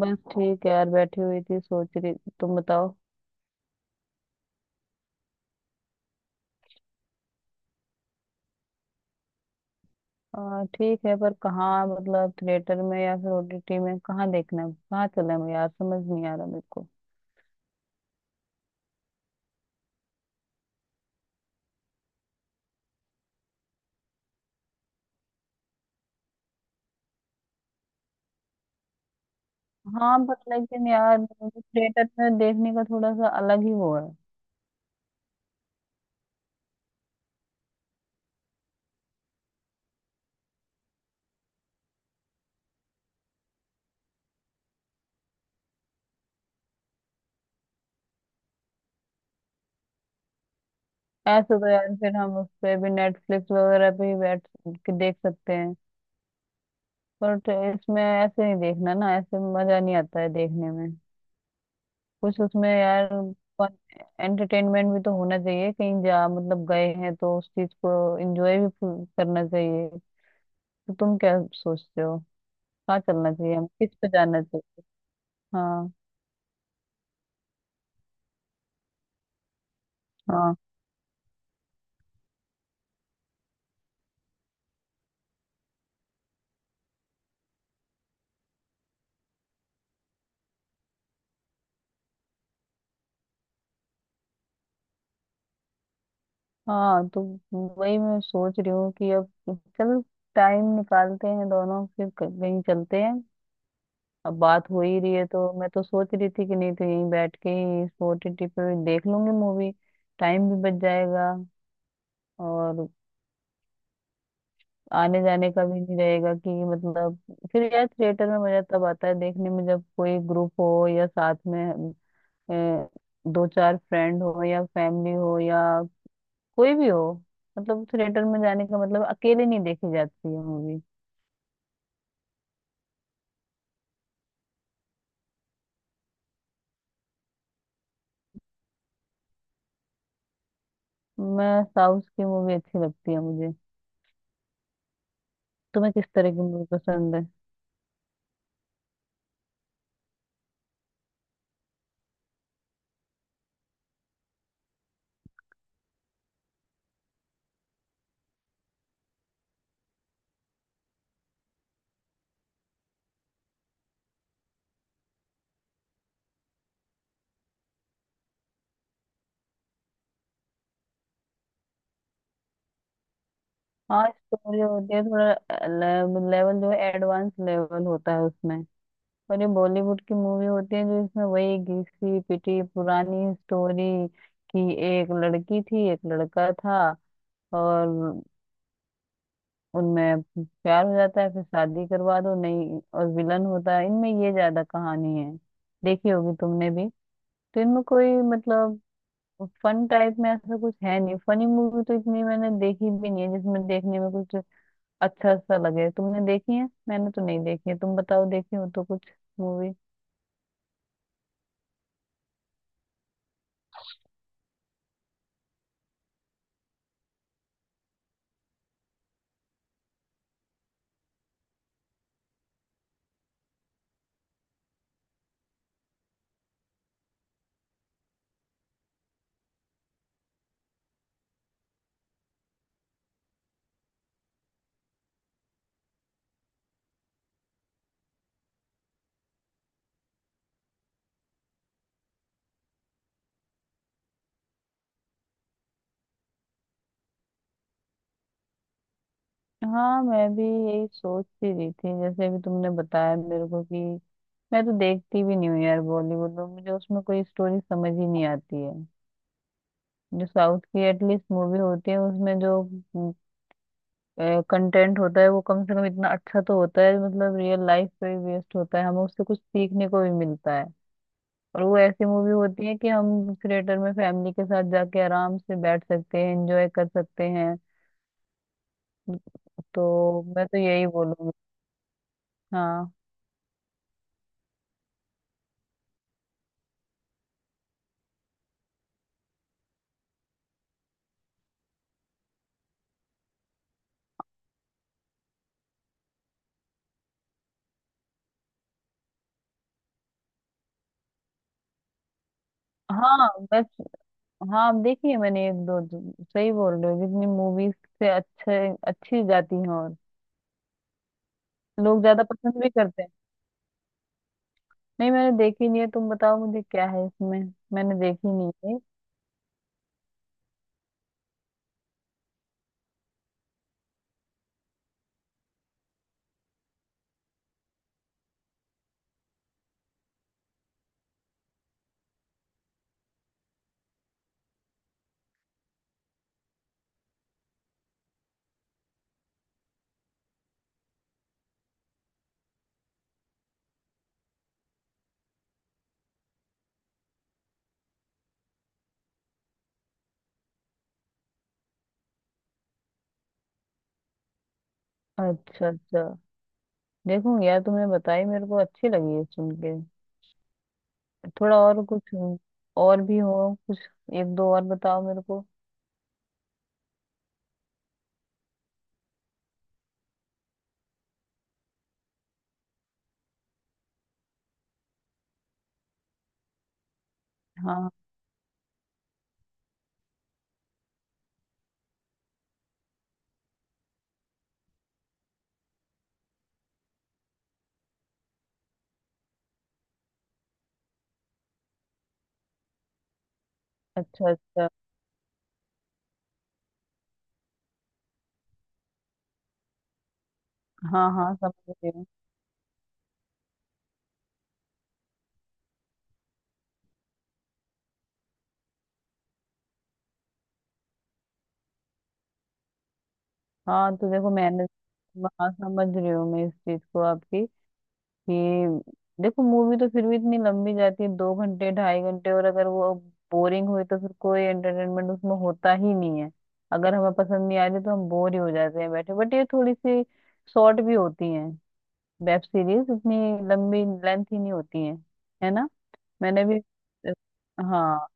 बस ठीक है यार, बैठी हुई थी सोच रही। तुम बताओ। ठीक है, पर कहाँ मतलब थिएटर में या फिर ओटीटी में, कहाँ देखना है कहाँ चले हम यार, समझ नहीं आ रहा मेरे को। हाँ, बट लेकिन यार थिएटर में देखने का थोड़ा सा अलग ही वो है। ऐसे तो यार फिर हम उस पे भी नेटफ्लिक्स वगैरह पे ही बैठ के देख सकते हैं। पर इसमें ऐसे नहीं देखना ना, ऐसे मजा नहीं आता है देखने में कुछ उसमें यार। एंटरटेनमेंट भी तो होना चाहिए, कहीं जा मतलब गए हैं तो उस चीज को एंजॉय भी करना चाहिए। तो तुम क्या सोचते हो? कहाँ चलना चाहिए हम, किस पे जाना चाहिए? हाँ, हाँ, हाँ, तो वही मैं सोच रही हूँ कि अब चल टाइम निकालते हैं दोनों, फिर कहीं चलते हैं। अब बात हो ही रही है तो मैं तो सोच रही थी कि नहीं तो यहीं बैठ के ही ओटीटी पे देख लूंगी मूवी, टाइम भी बच जाएगा और आने जाने का भी नहीं रहेगा कि मतलब। फिर यार थिएटर में मजा तब आता है देखने में जब कोई ग्रुप हो या साथ में, अ, दो चार फ्रेंड हो या फैमिली हो या कोई भी हो। मतलब थिएटर में जाने का मतलब अकेले नहीं देखी जाती है मूवी। मैं, साउथ की मूवी अच्छी लगती है मुझे। तुम्हें किस तरह की मूवी पसंद है? हाँ, स्टोरी होती है, थोड़ा लेवल जो है एडवांस लेवल होता है उसमें। और ये बॉलीवुड की मूवी होती है जो इसमें वही घिसी पिटी पुरानी स्टोरी, कि एक लड़की थी, एक लड़का था, और उनमें प्यार हो जाता है, फिर शादी करवा दो, नहीं, और विलन होता है इनमें, ये ज्यादा कहानी है। देखी होगी तुमने भी। तो इनमें कोई मतलब फन टाइप में ऐसा कुछ है नहीं, फनी मूवी तो इतनी मैंने देखी भी नहीं है जिसमें देखने में कुछ अच्छा सा लगे। तुमने देखी है? मैंने तो नहीं देखी है। तुम बताओ, देखी हो तो कुछ मूवी। हाँ, मैं भी यही सोच ही रही थी। जैसे अभी तुमने बताया मेरे को कि मैं तो देखती भी नहीं हूँ यार बॉलीवुड में, मुझे उसमें कोई स्टोरी समझ ही नहीं आती है। जो साउथ की एटलीस्ट मूवी होती है उसमें जो कंटेंट होता है वो कम से कम इतना अच्छा तो होता है, मतलब रियल लाइफ पे बेस्ड होता है, हमें उससे कुछ सीखने को भी मिलता है। और वो ऐसी मूवी होती है कि हम थिएटर में फैमिली के साथ जाके आराम से बैठ सकते हैं, एंजॉय कर सकते हैं। तो मैं तो यही बोलूंगी। हाँ, हाँ, मैं, हाँ, आप देखिए मैंने एक दो दो- सही बोल रहे हो, जितनी मूवीज से अच्छे अच्छी जाती हैं और लोग ज्यादा पसंद भी करते हैं। नहीं, मैंने देखी नहीं है। तुम बताओ मुझे क्या है इसमें। मैंने देखी नहीं है। अच्छा, अच्छा, देखूंगी यार, तुमने बताई मेरे को, अच्छी लगी है सुन के। थोड़ा और कुछ, और भी हो कुछ, एक दो और बताओ मेरे को। हाँ, अच्छा, अच्छा, हाँ, हाँ, समझ रही हूँ। हाँ, तो देखो मैंने, हाँ, समझ रही हूँ मैं इस चीज को आपकी। ये देखो, मूवी तो फिर भी इतनी लंबी जाती है, 2 घंटे 2.5 घंटे, और अगर वो बोरिंग हुई तो फिर कोई एंटरटेनमेंट उसमें होता ही नहीं है। अगर हमें पसंद नहीं आ रही तो हम बोर ही हो जाते हैं बैठे। बट ये थोड़ी सी शॉर्ट भी होती है वेब सीरीज, इतनी लंबी लेंथ ही नहीं होती है ना? मैंने भी, हाँ,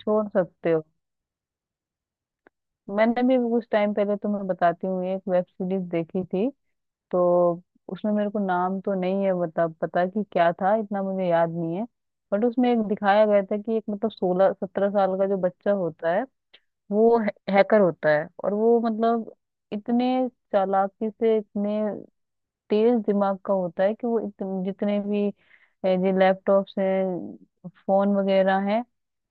छोड़ सकते हो। मैंने भी कुछ टाइम पहले, तुम्हें बताती हूँ, एक वेब सीरीज देखी थी। तो उसमें मेरे को नाम तो नहीं है बता पता कि क्या था, इतना मुझे याद नहीं है। बट उसमें एक दिखाया गया था कि एक मतलब 16 17 साल का जो बच्चा होता है वो हैकर होता है, और वो मतलब इतने चालाकी से, इतने तेज दिमाग का होता है कि वो जितने भी जो लैपटॉप्स हैं फोन वगैरह हैं,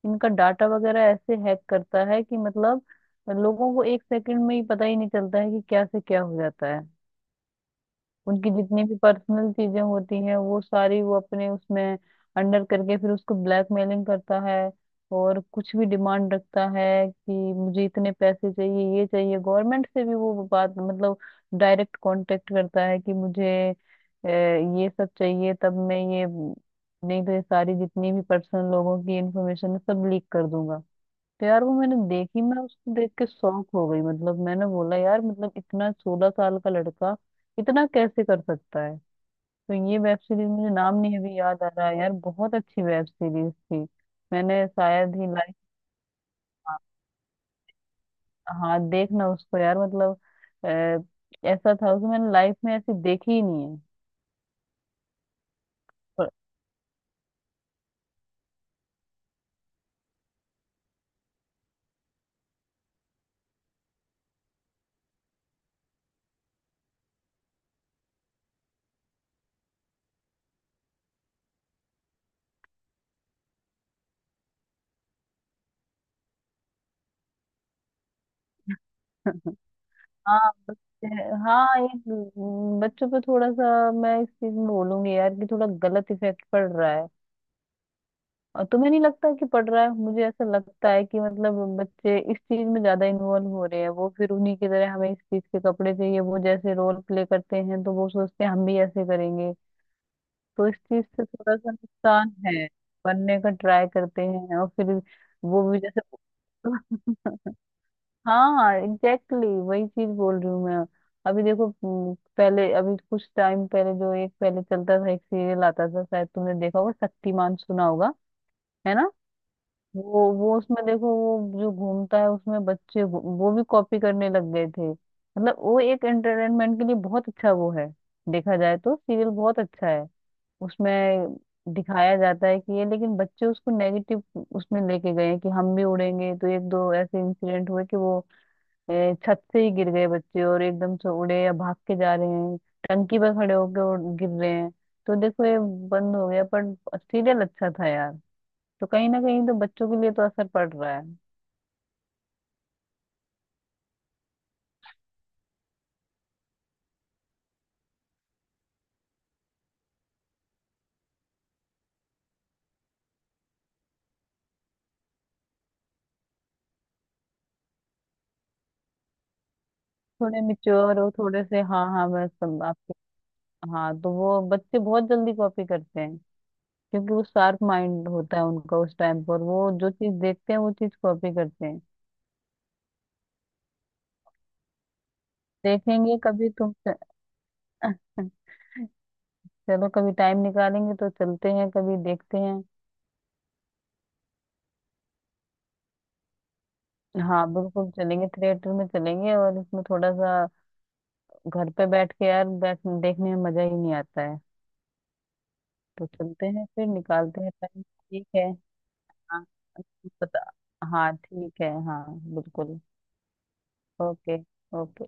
इनका डाटा वगैरह ऐसे हैक करता है कि मतलब लोगों को एक सेकंड में ही पता ही नहीं चलता है कि क्या से क्या हो जाता है। उनकी जितनी भी पर्सनल चीजें होती हैं वो सारी वो अपने उसमें अंडर करके फिर उसको ब्लैकमेलिंग करता है। और कुछ भी डिमांड रखता है, कि मुझे इतने पैसे चाहिए, ये चाहिए, गवर्नमेंट से भी वो बात मतलब डायरेक्ट कांटेक्ट करता है कि मुझे ये सब चाहिए, तब मैं ये, नहीं तो ये सारी जितनी भी पर्सनल लोगों की इंफॉर्मेशन है सब लीक कर दूंगा। तो यार वो मैंने देखी, मैं उसको देख के शॉक हो गई, मतलब मैंने बोला यार मतलब इतना 16 साल का लड़का इतना कैसे कर सकता है! तो ये वेब सीरीज मुझे नाम नहीं अभी याद आ रहा है यार, बहुत अच्छी वेब सीरीज थी। मैंने शायद ही लाइफ, हाँ। हाँ, देखना उसको यार, मतलब ऐसा था उसको, मैंने लाइफ में ऐसी देखी ही नहीं है। पर- हाँ, हाँ, ये बच्चों पे थोड़ा सा मैं इस चीज में बोलूंगी यार कि थोड़ा गलत इफेक्ट पड़ रहा है। और तुम्हें नहीं लगता कि पढ़ रहा है? मुझे ऐसा लगता है कि मतलब बच्चे इस चीज में ज्यादा इन्वॉल्व हो रहे हैं। वो फिर उन्हीं की तरह हमें इस चीज के कपड़े चाहिए, वो जैसे रोल प्ले करते हैं तो वो सोचते हैं हम भी ऐसे करेंगे। तो इस चीज से थोड़ा सा नुकसान है। बनने का ट्राई करते हैं और फिर वो भी जैसे, हाँ एग्जैक्टली exactly, वही चीज बोल रही हूँ मैं। अभी देखो, पहले, अभी कुछ टाइम पहले जो, एक पहले चलता था एक सीरियल आता था, शायद तुमने देखा होगा, शक्तिमान सुना होगा, है ना? वो उसमें देखो वो जो घूमता है, उसमें बच्चे वो भी कॉपी करने लग गए थे, मतलब वो एक एंटरटेनमेंट के लिए बहुत अच्छा वो है। देखा जाए तो सीरियल बहुत अच्छा है। उसमें दिखाया जाता है कि ये, लेकिन बच्चे उसको नेगेटिव उसमें लेके गए हैं कि हम भी उड़ेंगे। तो एक दो ऐसे इंसिडेंट हुए कि वो छत से ही गिर गए बच्चे, और एकदम से उड़े या भाग के जा रहे हैं, टंकी पर खड़े होकर गिर रहे हैं। तो देखो ये बंद हो गया, पर सीरियल अच्छा था यार। तो कहीं ना कहीं तो बच्चों के लिए तो असर पड़ रहा है। थोड़े मिच्योर हो, थोड़े से, हाँ, हाँ, बस सब आपके। हाँ, तो वो बच्चे बहुत जल्दी कॉपी करते हैं, क्योंकि वो शार्प माइंड होता है उनका, उस टाइम पर वो जो चीज देखते हैं वो चीज कॉपी करते हैं। देखेंगे कभी तुम। चलो, कभी टाइम निकालेंगे तो चलते हैं, कभी देखते हैं। हाँ बिल्कुल, चलेंगे थिएटर में चलेंगे, और इसमें थोड़ा सा घर पे बैठ के यार, बैठ देखने में मजा ही नहीं आता है। तो चलते हैं, फिर निकालते हैं टाइम, ठीक है। हाँ, पता। हाँ ठीक है, हाँ बिल्कुल। ओके। ओके।